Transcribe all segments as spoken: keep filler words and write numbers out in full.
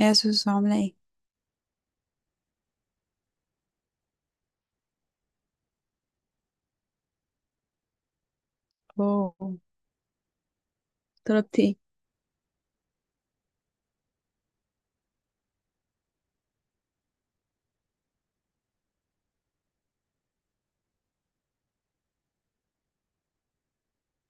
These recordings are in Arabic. ايه يا سوسو، عاملة ايه؟ اوه، طلبتي ايه؟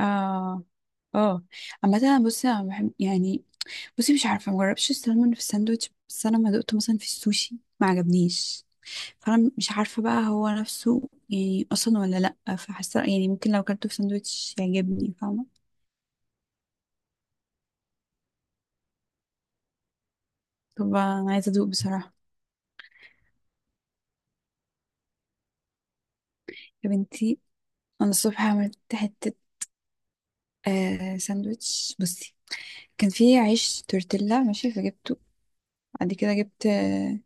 اه، اه، عامة انا بصي انا بحب يعني. بصي، مش عارفة، مجربش السلمون في الساندوتش، بس انا لما دقته مثلا في السوشي ما عجبنيش. فانا مش عارفة بقى هو نفسه يعني اصلا ولا لأ. فحاسة يعني ممكن لو اكلته في ساندوتش يعجبني، فاهمة؟ طب انا عايزة ادوق بصراحة. يا بنتي، انا الصبح عملت حتة آه ساندوتش. بصي، كان فيه عيش تورتيلا ماشي فجبته. بعد كده جبت آه،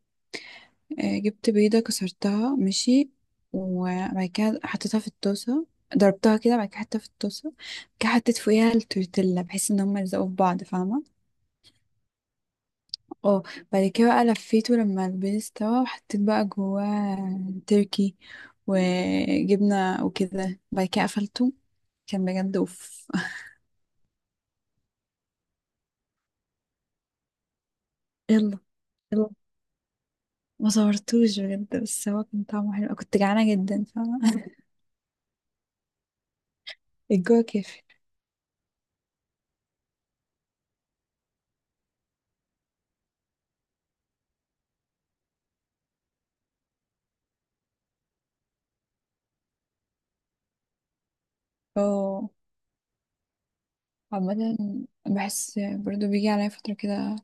آه، جبت بيضة، كسرتها ماشي، وبعد كده حطيتها في الطاسة. ضربتها كده، بعد كده حطيتها في الطاسة، بعد كده حطيت فوقيها التورتيلا بحيث ان هما يلزقوا في بعض، فاهمة؟ اه. بعد كده بقى لفيته لما البيض استوى، وحطيت بقى جواه تركي وجبنة وكده، بعد كده قفلته. كان بجد اوف. يلا، يلا، ما صورتوش بجد، بس هو كان طعمه حلو، كنت جعانة جدا، فاهمة؟ الجو كافي. اه، عامة بحس برضو بيجي عليا فترة كده،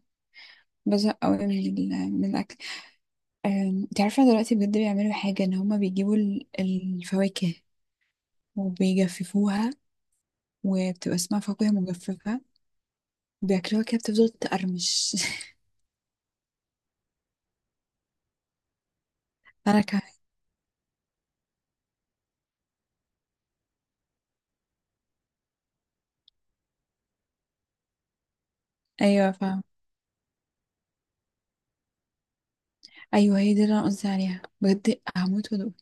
بزهق قوي من ال- من الأكل. أم، انت عارفة دلوقتي بجد بيعملوا حاجة، إن هما بيجيبوا ال- الفواكه وبيجففوها، وبتبقى اسمها فاكهة مجففة. بياكلوها كده، بتفضل تقرمش. أنا كمان. أيوة فاهم. أيوة هي دي اللي أنا قصدي عليها، بجد هموت وأدوق.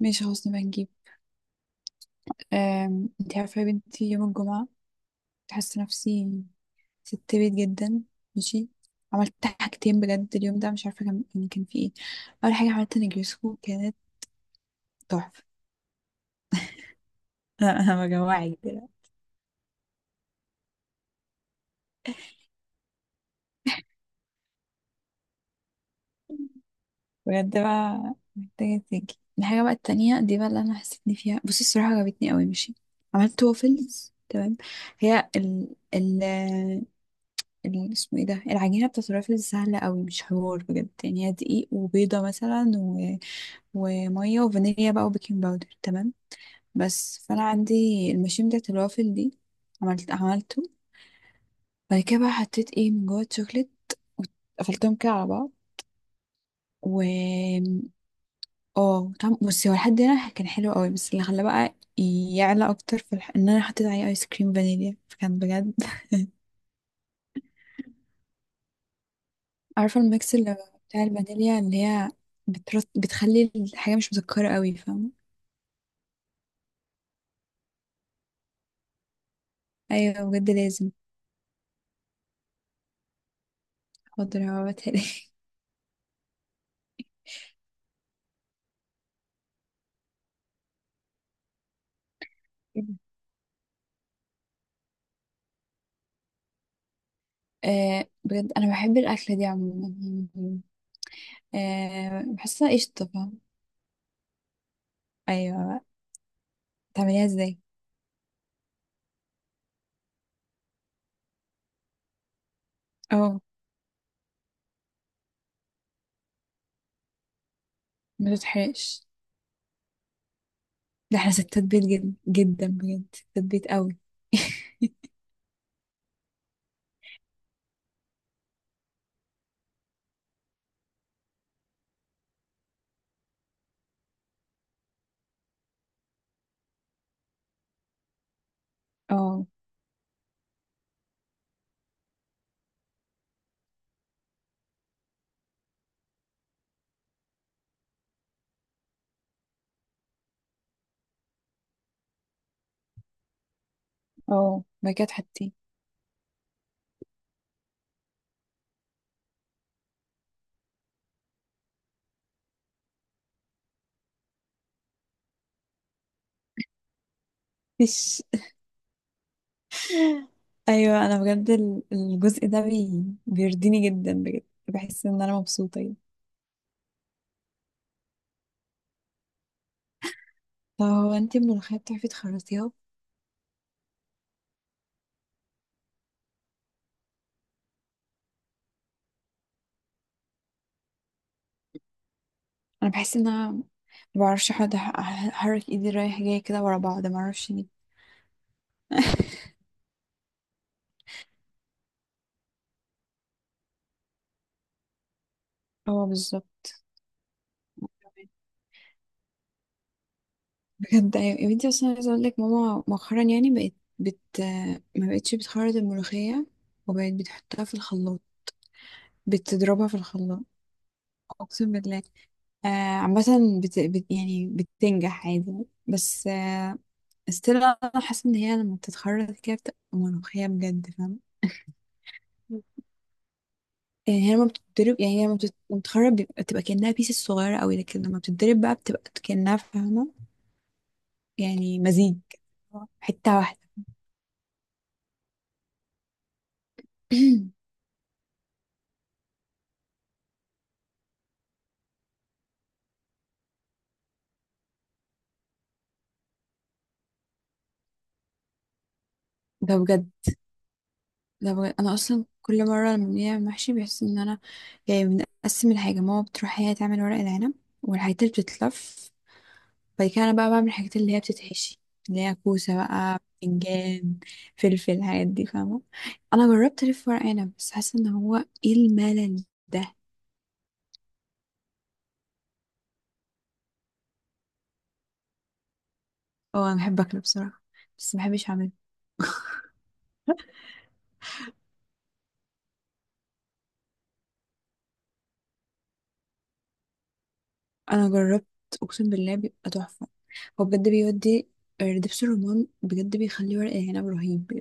ماشي، خلاص نبقى نجيب. أم، انت عارفة يا بنتي، يوم الجمعة كنت حاسة نفسي ست بيت جدا، ماشي. عملت حاجتين بجد اليوم ده، مش عارفه كان يعني كان في ايه. اول حاجه عملت نجريسكو، كانت تحفه. انا، أنا بجوعك دلوقتي. بجد بقى محتاجه تيجي الحاجه بقى التانية دي بقى، اللي انا حسيتني فيها. بصي، الصراحه عجبتني قوي ماشي. عملت وافلز، تمام. هي ال ال ال- اسمه ايه ده، العجينه بتاعت الوافلز سهله قوي، مش حوار بجد يعني. هي دقيق وبيضه مثلا، و... وميه وفانيليا بقى، وبيكنج باودر، تمام. بس فانا عندي الماشين بتاعت الوافل دي. عملت عملته. بعد كده بقى حطيت ايه من جوه الشوكليت، وقفلتهم كده على بعض. و اه، طعم، بصي، هو لحد هنا كان حلو قوي، بس اللي خلاه بقى يعلى اكتر في الح... ان انا حطيت عليه ايس كريم فانيليا، فكان بجد. عارفه الميكس اللي بتاع الفانيليا، اللي هي بترط... بتخلي الحاجه مش مسكره قوي، فاهمه؟ ايوه، بجد لازم. حاضر هبعتها لك. آه بجد انا بحب الاكله دي عموما. آه، بحسها قشطه. ايوه، تعمليها ازاي؟ اه، ما تتحرقش. ده احنا ستات بيت جد جدا، بجد ستات بيت قوي. اه. اه، بعد كده تحطيه؟ فيش. ايوه انا بجد ال- الجزء ده بي... بيرضيني جدا، بجد بحس ان انا مبسوطه يعني. طب هو انت الملوخيه بتعرفي تخرطيها؟ انا بحس ان انا ما بعرفش احط، احرك ايدي رايح جاي كده ورا بعض، ما اعرفش ليه. اه بالظبط. بجد ايوه يا بنتي، اصلا عايزه اقول لك ماما مؤخرا يعني بقت، بت ما بقتش بتخرط الملوخيه، وبقت بتحطها في الخلاط. بتضربها في الخلاط، اقسم بالله. آه، عامه بت... بت... يعني بتنجح عادي، بس آه، استنى، انا حاسه ان هي لما بتتخرط كده بتبقى ملوخيه بجد، فاهمه؟ يعني هي لما بتتضرب، يعني هي لما بتت- لما بتتخرط بيبقى بتبقى كأنها بيس صغيرة قوي، لكن لما بتتضرب بقى بتبقى كأنها، فاهمة؟ يعني مزيج، حتة واحدة. ده بجد، ده بجد انا اصلا كل مره لما بنعمل محشي بحس ان انا، يعني بنقسم الحاجه. ماما بتروح هي تعمل ورق العنب والحاجات اللي بتتلف، بعد كده انا بقى بعمل الحاجات اللي هي بتتحشي، اللي هي كوسه بقى، بتنجان، فلفل، الحاجات دي، فاهمه؟ انا جربت الف ورق عنب، بس حاسه ان هو، ايه الملل ده. اه، انا بحب اكله بصراحه، بس ما بحبش اعمله. انا جربت، اقسم بالله بيبقى تحفه. هو بجد بيودي، آه، دبس الرمان بجد بيخلي ورق العنب رهيب.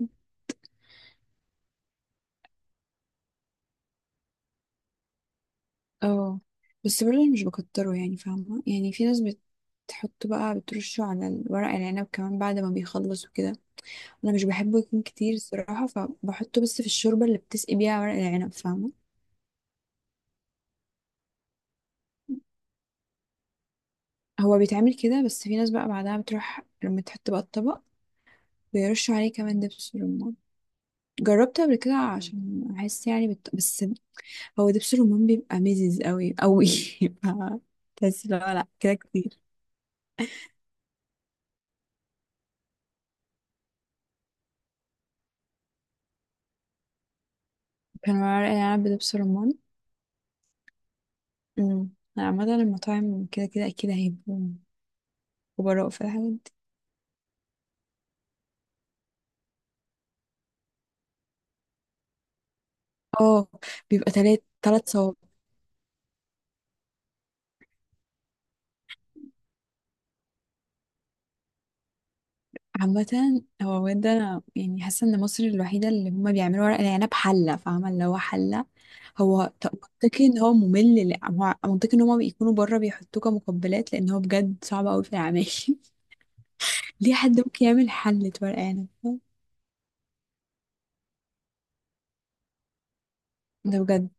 اه، بس برضه مش بكتره يعني، فاهمة؟ يعني في ناس بتحط بقى، بترشه على الورق العنب كمان بعد ما بيخلص وكده. انا مش بحبه يكون كتير الصراحة، فبحطه بس في الشوربة اللي بتسقي بيها ورق العنب، فاهمة؟ هو بيتعمل كده، بس في ناس بقى بعدها بتروح لما تحط بقى الطبق بيرشوا عليه كمان دبس رمان. جربته قبل كده عشان احس يعني بت... بس هو دبس الرمان بيبقى مزز قوي قوي. ف- بس لا لا كده كتير. كان ورق العنب بدبس رمان. امم، عامة المطاعم كده كده أكيد هيبقوا خبراء في الحاجات دي. اه، بيبقى تلات تلات صوابع. عامة هو بجد، أنا يعني حاسة إن مصر الوحيدة اللي هما بيعملوا ورق العنب حلة، فاهمة؟ اللي هو حلة. هو ط- منطقي إن هو ممل، لأ، هو منطقي إن هما بيكونوا بره بيحطوه كمقبلات، لأن هو بجد صعب أوي في العمايل. ليه حد ممكن يعمل حلة ورق عنب؟ ده بجد،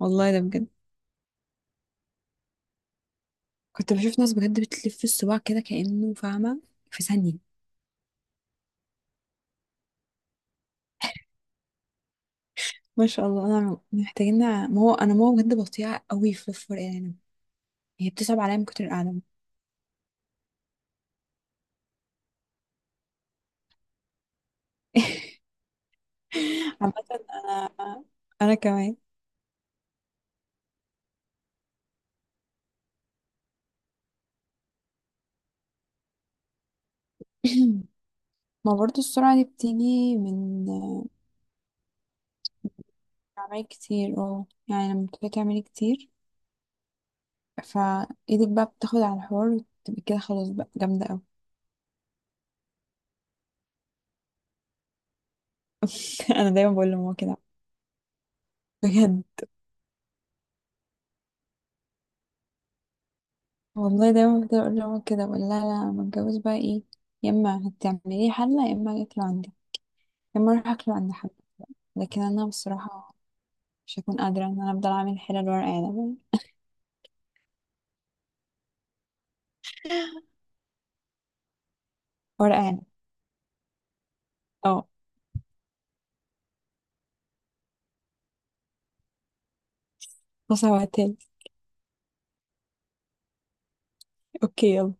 والله ده بجد. كنت بشوف ناس بجد بتلف الصباع كده كأنه، فاهمة؟ في ثانية. ما شاء الله، انا محتاجين نع- ما هو انا ماما بجد بطيئه قوي في الفرقان. هي بتصعب عليا من كتر القعده. عامه انا، انا كمان. ما برضو السرعه دي بتيجي من اعمال كتير. اه، يعني لما بتبقي تعملي كتير فايدك بقى، بتاخد على الحوار وتبقي كده خلاص بقى جامده قوي. انا دايما بقول لماما كده. بجد والله دايما بفضل اقول لماما كده، بقول لها: لا، لما اتجوز بقى ايه، يا اما هتعملي حله، يا اما هاكله عندي، يا اما اروح اكله عند حد. لكن انا بصراحه مش هكون قادرة ان انا افضل اعمل حلل ورق عنب يعني. ورق عنب. اه، بصل وتاني. اوكي، يلا.